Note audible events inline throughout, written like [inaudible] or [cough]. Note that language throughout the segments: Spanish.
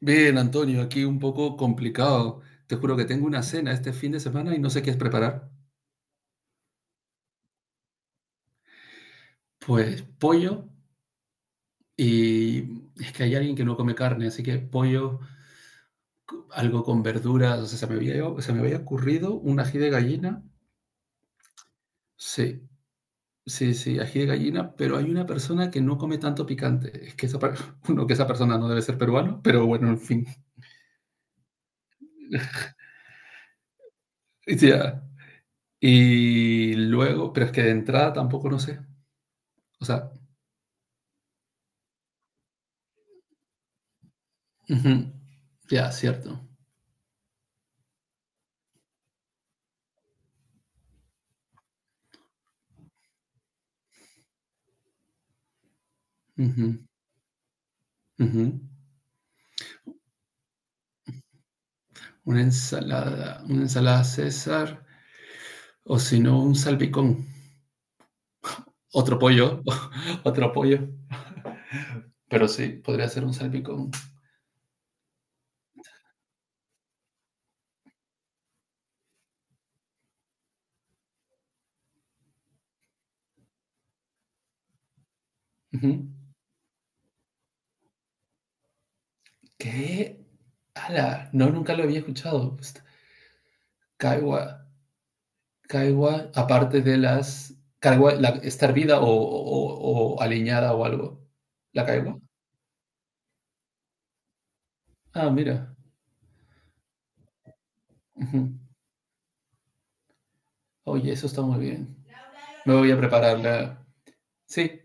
Bien, Antonio, aquí un poco complicado. Te juro que tengo una cena este fin de semana y no sé qué es preparar. Pues pollo y es que hay alguien que no come carne, así que pollo, algo con verduras, o sea, se me había ocurrido un ají de gallina. Sí, sí, sí, ají de gallina, pero hay una persona que no come tanto picante. Es que esa, [laughs] uno, que esa persona no debe ser peruano, pero bueno, en fin. [laughs] Ya. Y luego, pero es que de entrada tampoco no sé. O sea, ujú, ya, cierto. Ujú, ujú. Una ensalada César, o si no, un salpicón. Otro pollo, [laughs] otro pollo. Pero sí, podría ser un salpicón. Ujú. ¿Qué? ¡Hala! No, nunca lo había escuchado. Caigua, caigua, aparte de las... Caigua, la, ¿está hervida o aliñada o algo? ¿La caigua? Ah, mira. Ujú. Oye, eso está muy bien. Me voy a prepararla. Sí.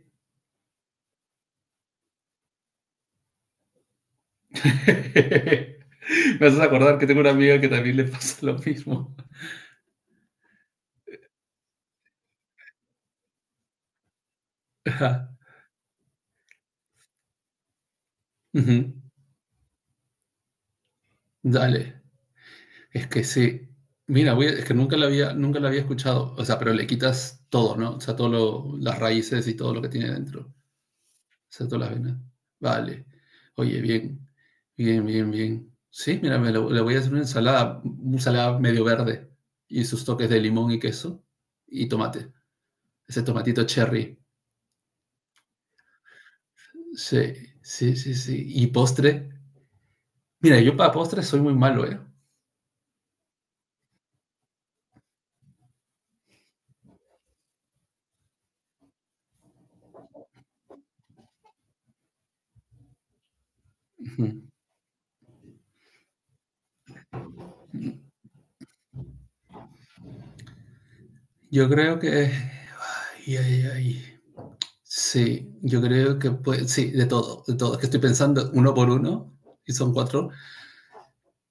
[laughs] Me haces acordar que tengo una amiga que también le pasa lo mismo. Ajá. Ujú. Dale. Es que sí. Mira, es que nunca la había escuchado. O sea, pero le quitas todo, ¿no? O sea, las raíces y todo lo que tiene dentro. O sea, todas las venas. Vale. Oye, bien. Bien, bien, bien. Sí, mira, le voy a hacer una ensalada medio verde y sus toques de limón y queso y tomate. Ese tomatito cherry. Sí, sí, sí, sí. Y postre. Mira, yo para postres soy muy malo, ¿eh? Ujú. Yo creo que... Ay, ay, ay. Sí, yo creo que puede... Sí, de todo, de todo. Es que estoy pensando uno por uno y son cuatro.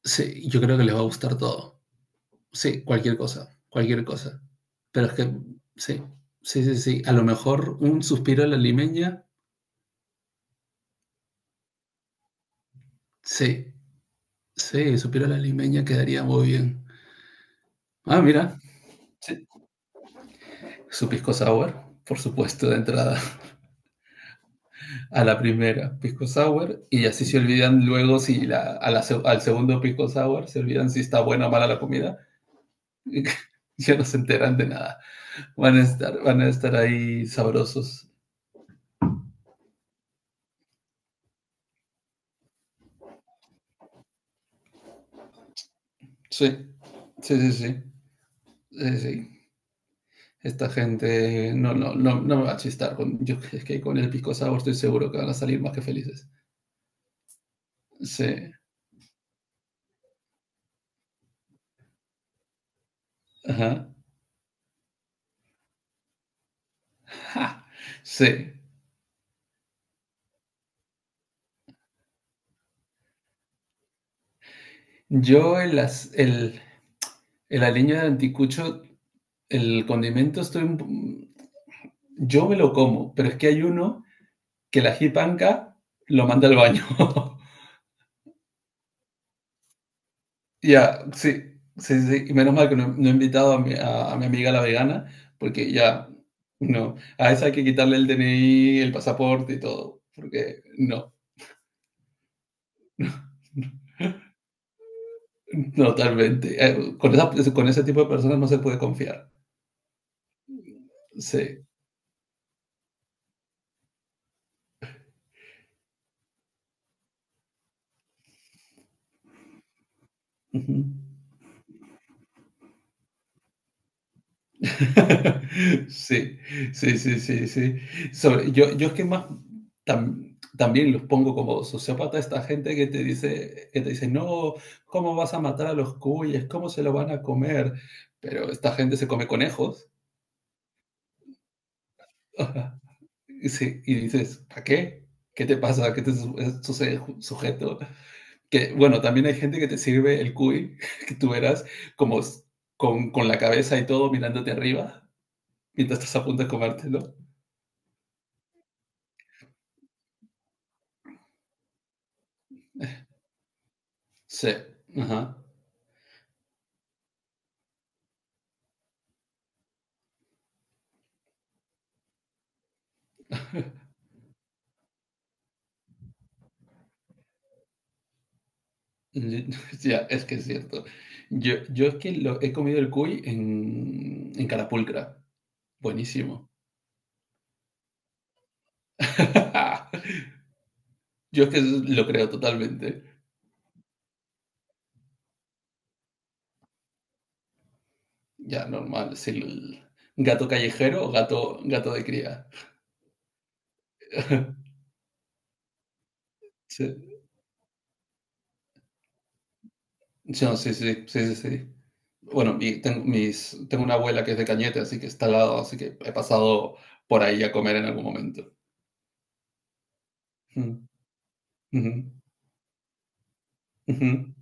Sí, yo creo que les va a gustar todo. Sí, cualquier cosa, cualquier cosa. Pero es que, sí, sí, sí, sí. A lo mejor un suspiro a la limeña. Sí, sí, suspiro a la limeña quedaría muy bien. Ah, mira, sí. Su pisco sour, por supuesto, de entrada. A la primera pisco sour y así se olvidan luego si la, a la al segundo pisco sour se olvidan si está buena o mala la comida. [laughs] Ya no se enteran de nada. Van a estar ahí sabrosos. Sí, sí, sí, sí. Sí, sí. Esta gente no, no, no, no me va a chistar. Con, yo, es que con el pisco sour estoy seguro que van a salir más que felices. Sí. Ajá. Ja. Sí. Yo el, el aliño de anticucho, el condimento, estoy un, yo me lo como, pero es que hay uno que la jipanca lo manda al baño. [laughs] Ya, sí, sí, sí. Y menos mal que no, no he invitado a a mi amiga la vegana, porque ya, no. A esa hay que quitarle el DNI, el pasaporte y todo, porque no, [laughs] totalmente. Con ese tipo de personas no se puede confiar. Sí. Ujú. [laughs] Sí, sí, sí, sí, sí. Sobre, yo es que más también los pongo como sociópata a esta gente que te dice, no, ¿cómo vas a matar a los cuyes? ¿Cómo se lo van a comer? Pero esta gente se come conejos. [laughs] Y, sí, y dices, ¿para qué? ¿Qué te pasa? Sucede, sujeto? Que bueno, también hay gente que te sirve el cuy, [laughs] que tú verás como s- con la cabeza y todo mirándote arriba mientras estás a punto de comértelo. Sí, ajá. [laughs] Ya, es que es cierto. Yo es que lo, he comido el cuy en Carapulcra. Buenísimo. [laughs] Yo es que lo creo totalmente. Ya, normal. Es el gato callejero o gato, gato de cría. [laughs] Sí, no, sí, sí, sí, sí, sí. Bueno, tengo, tengo una abuela que es de Cañete, así que está al lado, así que he pasado por ahí a comer en algún momento. Mm, ujú, ujú.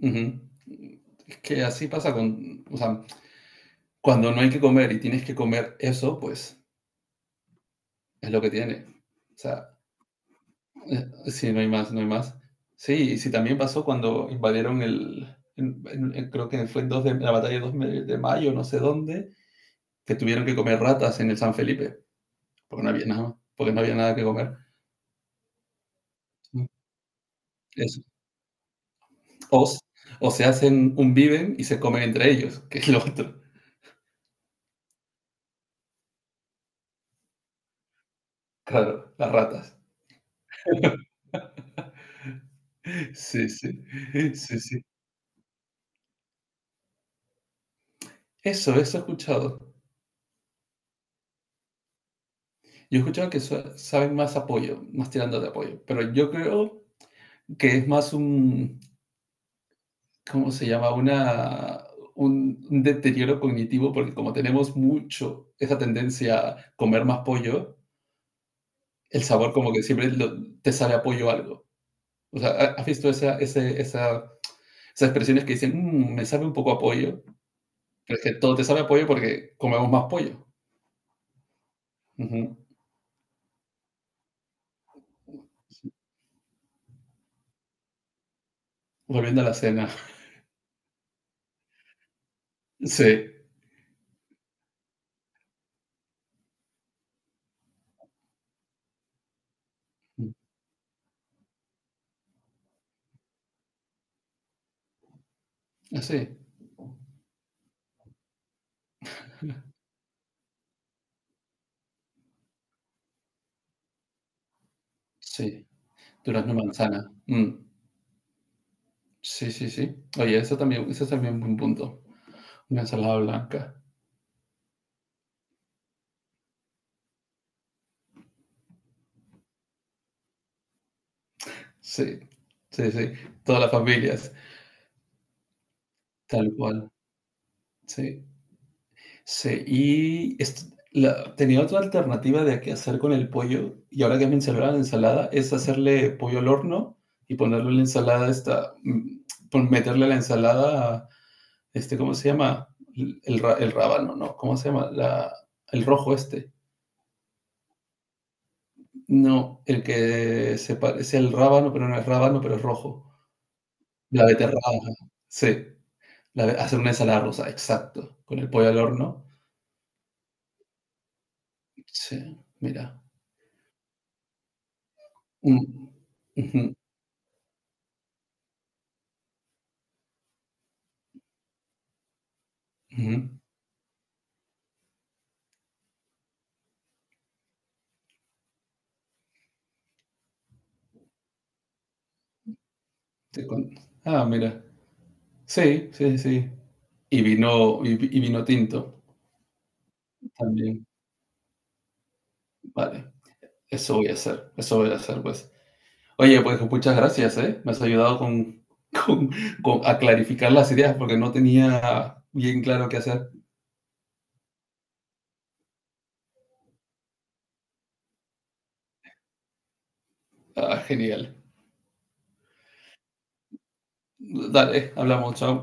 Ujú. Es que así pasa con, o sea, cuando no hay que comer y tienes que comer eso, pues es lo que tiene. O sea, sí, no hay más, no hay más. Sí, y sí, también pasó cuando invadieron el, creo que fue en, 2 de, la batalla de 2 de mayo, no sé dónde, que tuvieron que comer ratas en el San Felipe, porque no había nada, porque no había nada que comer. Mm, eso. O, s- o se hacen un viven y se comen entre ellos, que es lo otro. Claro, las ratas. Sí, sí, sí, sí. Eso he escuchado. Yo he escuchado que saben más apoyo, más tirando de apoyo, pero yo creo que es más un, ¿cómo se llama? Una, un deterioro cognitivo, porque como tenemos mucho esa tendencia a comer más pollo, el sabor como que siempre te sabe a pollo algo. O sea, ¿has visto esa, esas expresiones que dicen, "Mm, me sabe un poco a pollo? Pero es que todo te sabe a pollo porque comemos más pollo. Ujú. Volviendo a la cena. [laughs] Sí. Así. Sí. Durazno, manzana. Mm, sí, sí, sí. Oye, eso también es un buen punto. Una ensalada blanca. Sí, sí, sí. Todas las familias, tal cual. Sí, sí. Y tenía otra alternativa de qué hacer con el pollo, y ahora que me mencionaba la ensalada, es hacerle pollo al horno y ponerle en la ensalada esta, mm, meterle a la ensalada, este, ¿cómo se llama? El rábano, ¿no? ¿Cómo se llama? La, el rojo este. No, el que se parece al rábano, pero no es rábano, pero es rojo. La beterraga, sí. Hacer una ensalada rusa, exacto. Con el pollo al horno. Sí, mira. Mm, ujú, ujú. Sí, ah, mira. Sí, sí, sí. Y vino, y vino tinto también. Vale, eso voy a hacer, eso voy a hacer, pues. Oye, pues muchas gracias, ¿eh? Me has ayudado con, [laughs] con, a clarificar las ideas porque no tenía bien claro qué hacer. Ah, genial. Dale, hablamos, chao.